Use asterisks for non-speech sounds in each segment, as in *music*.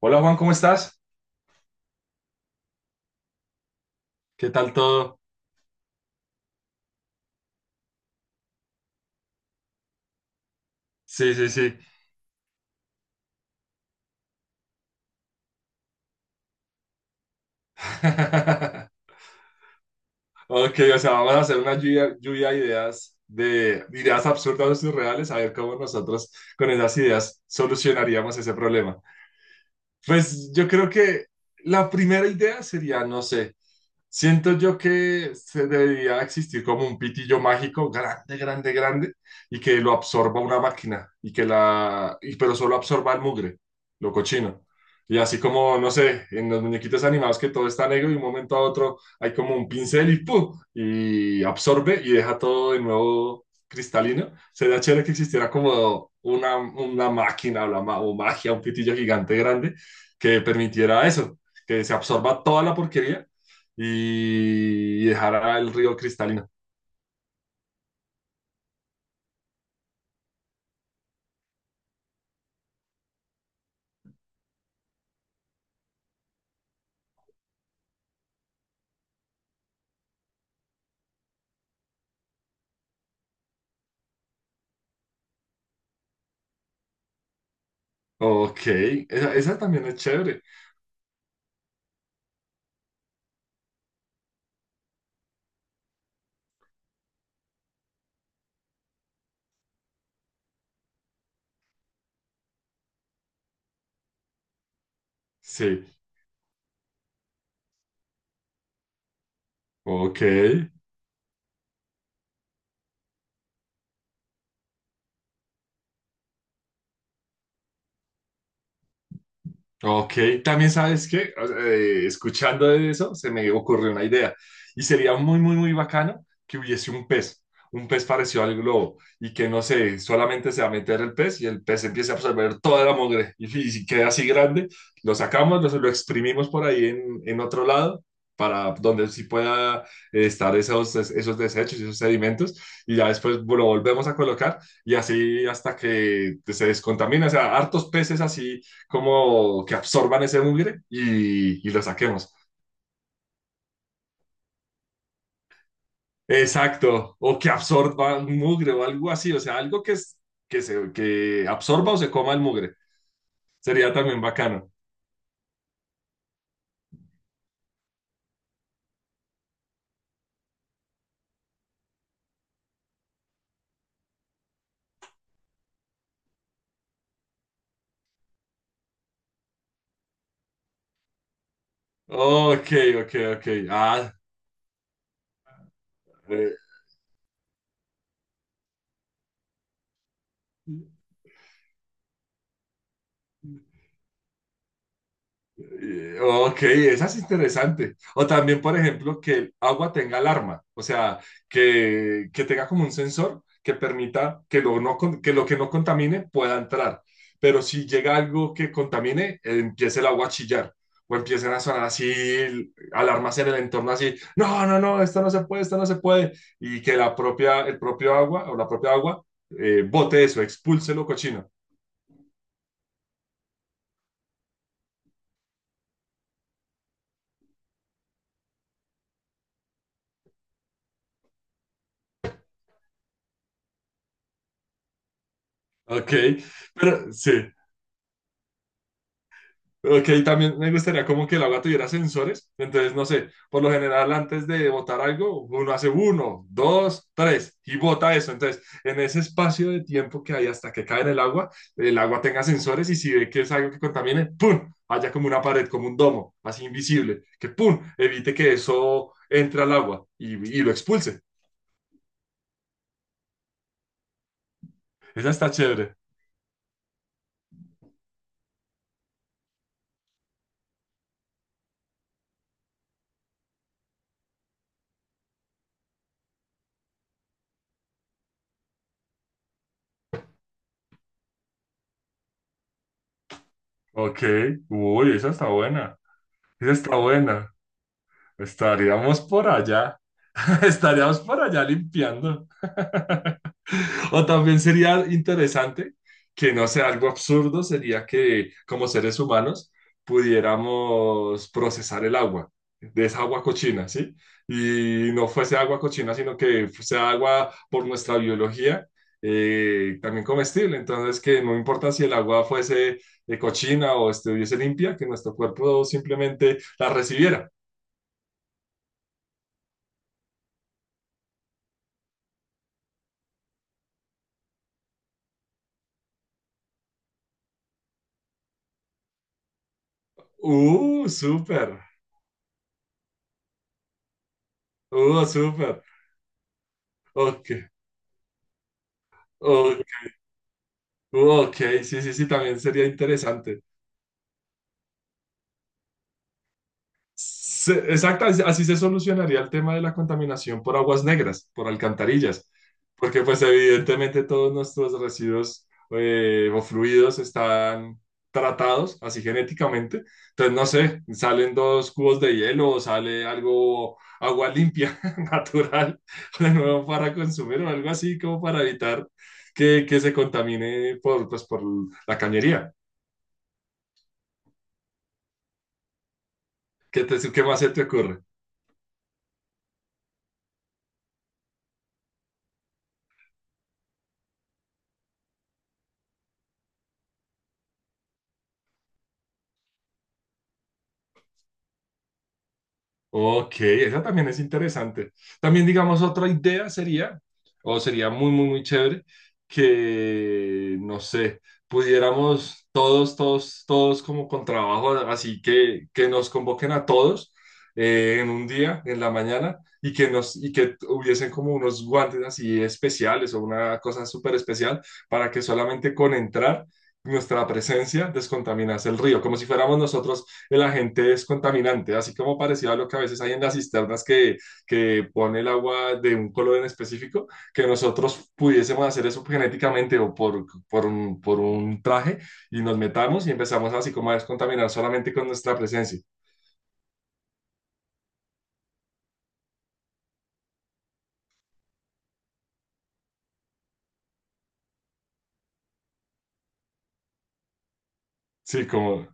Hola Juan, ¿cómo estás? ¿Qué tal todo? Sí, sí, sí. *laughs* Ok, o sea, vamos a hacer una lluvia de ideas absurdas o surreales, a ver cómo nosotros con esas ideas solucionaríamos ese problema. Pues yo creo que la primera idea sería, no sé, siento yo que se debería existir como un pitillo mágico grande, grande, grande y que lo absorba una máquina pero solo absorba el mugre, lo cochino. Y así como, no sé, en los muñequitos animados que todo está negro y un momento a otro hay como un pincel y ¡pum!, y absorbe y deja todo de nuevo cristalino. Sería chévere que existiera como una máquina o, o magia, un pitillo gigante grande que permitiera eso, que se absorba toda la porquería y dejará el río cristalino. Ok, esa también es chévere. Sí, ok. Ok, también sabes que escuchando de eso, se me ocurrió una idea. Y sería muy, muy, muy bacano que hubiese un pez parecido al globo, y que no sé, solamente se va a meter el pez y el pez empiece a absorber toda la mugre. Y, si queda así grande, lo sacamos, lo exprimimos por ahí en otro lado, para donde sí pueda estar esos, esos desechos, y esos sedimentos, y ya después lo volvemos a colocar, y así hasta que se descontamina. O sea, hartos peces así como que absorban ese mugre y lo saquemos. Exacto, o que absorba un mugre o algo así, o sea, algo que absorba o se coma el mugre. Sería también bacano. Ok, ok, ok. Eh, Ok, esa es interesante. O también, por ejemplo, que el agua tenga alarma, o sea, que tenga como un sensor que permita que lo, no, que lo que no contamine pueda entrar. Pero si llega algo que contamine, empiece el agua a chillar o empiecen a sonar así alarmas en el entorno así, no, no, no, esto no se puede, esto no se puede. Y que el propio agua o la propia agua bote eso, expulse lo cochino. Ok, pero sí, ok, también me gustaría como que el agua tuviera sensores, entonces no sé, por lo general antes de botar algo, uno hace uno, dos, tres y bota eso, entonces en ese espacio de tiempo que hay hasta que cae en el agua tenga sensores y si ve que es algo que contamine, ¡pum!, haya como una pared, como un domo, así invisible, que ¡pum! Evite que eso entre al agua y lo expulse. Esa está chévere. Ok, uy, esa está buena, esa está buena. Estaríamos por allá, *laughs* estaríamos por allá limpiando. *laughs* O también sería interesante que no sé algo absurdo, sería que como seres humanos pudiéramos procesar el agua, de esa agua cochina, ¿sí? Y no fuese agua cochina, sino que sea agua por nuestra biología, también comestible. Entonces, que no importa si el agua fuese cochina o estuviese limpia, que nuestro cuerpo simplemente la recibiera. ¡Uh, súper! ¡Uh, súper! Ok, ok, ok, sí, sí, sí, también sería interesante. Exacta, así así se solucionaría el tema de la contaminación por aguas negras, por alcantarillas, porque pues evidentemente todos nuestros residuos o fluidos están tratados así genéticamente. Entonces, no sé, salen dos cubos de hielo o sale algo, agua limpia, *laughs* natural, de nuevo para consumir o algo así como para evitar que se contamine por, pues, por la cañería. Qué más se te ocurre? Ok, esa también es interesante. También, digamos, otra idea sería, o sería muy, muy, muy chévere, que, no sé, pudiéramos todos, todos, todos como con trabajo, así que nos convoquen a todos en un día, en la mañana, y que nos, y que hubiesen como unos guantes así especiales o una cosa súper especial para que solamente con entrar nuestra presencia descontaminase el río, como si fuéramos nosotros el agente es contaminante, así como parecido a lo que a veces hay en las cisternas que pone el agua de un color en específico, que nosotros pudiésemos hacer eso genéticamente o por un traje y nos metamos y empezamos así como a descontaminar solamente con nuestra presencia. Sí, como,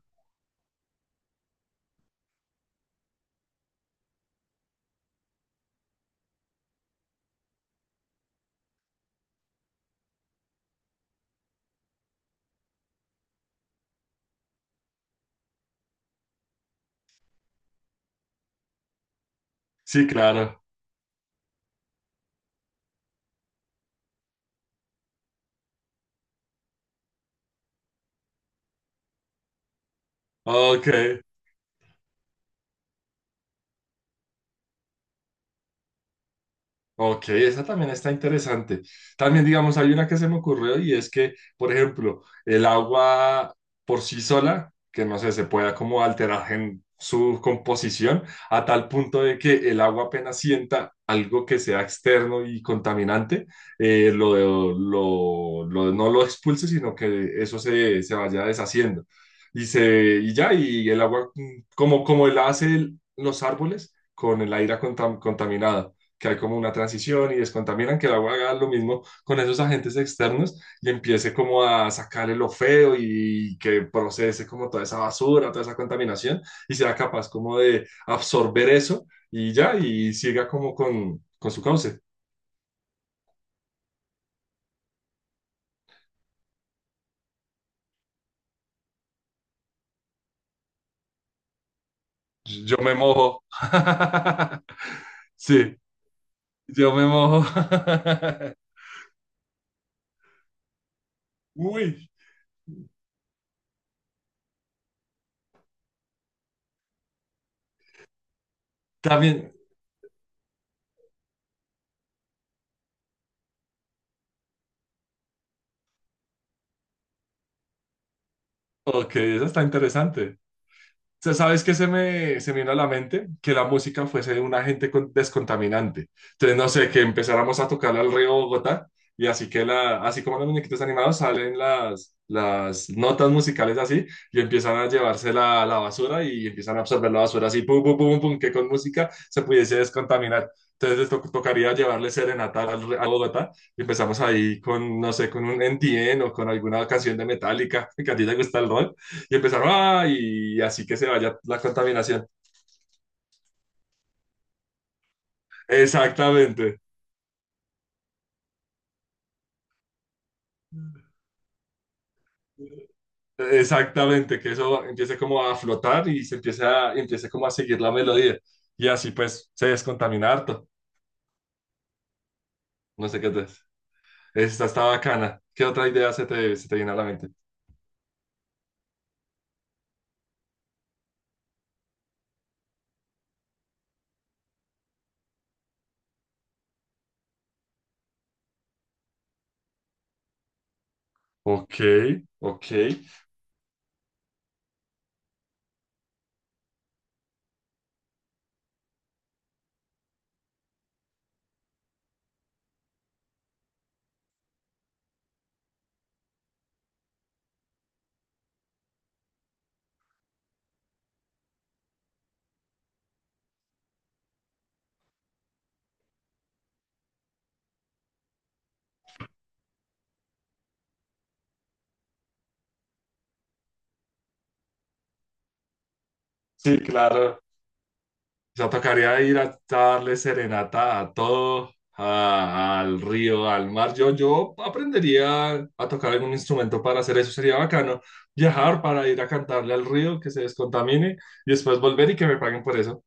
sí, claro. Ok. Ok, esa también está interesante. También, digamos, hay una que se me ocurrió y es que, por ejemplo, el agua por sí sola, que no sé, se pueda como alterar en su composición a tal punto de que el agua apenas sienta algo que sea externo y contaminante, no lo expulse, sino que eso se, se vaya deshaciendo. Y ya, y el agua, como, como la hace los árboles con el aire contaminado que hay como una transición y descontaminan, que la agua haga lo mismo con esos agentes externos y empiece como a sacarle lo feo y que procese como toda esa basura, toda esa contaminación y sea capaz como de absorber eso y ya, y siga como con su cauce. Yo me mojo. *laughs* Sí, yo me mojo. *laughs* Uy, también, ok, eso está interesante. Sea, ¿sabes qué se me vino a la mente? Que la música fuese un agente descontaminante. Entonces, no sé, que empezáramos a tocarle al río Bogotá y así que la, así como los muñequitos animados salen las notas musicales así y empiezan a llevarse la, la basura y empiezan a absorber la basura así, pum, pum, pum, pum, que con música se pudiese descontaminar. Entonces tocaría llevarle serenata al, a Bogotá y empezamos ahí con, no sé, con un NTN o con alguna canción de Metallica, *laughs* que a ti te gusta el rock. Y empezaron, ah, y así que se vaya la contaminación. Exactamente. Exactamente, que eso empiece como a flotar y se empiece, a, empiece como a seguir la melodía. Y así pues se descontamina harto. No sé qué es. Esta está bacana. ¿Qué otra idea se te viene a la mente? Ok, ok. Sí, claro. O sea, tocaría ir a darle serenata a todo, al río, al mar. Yo aprendería a tocar algún instrumento para hacer eso. Sería bacano viajar para ir a cantarle al río, que se descontamine y después volver y que me paguen por eso.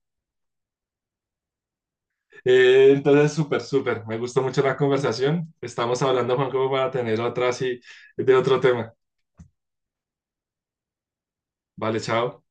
Entonces, súper, súper. Me gustó mucho la conversación. Estamos hablando, Juan, como para tener otra así de otro tema. Vale, chao.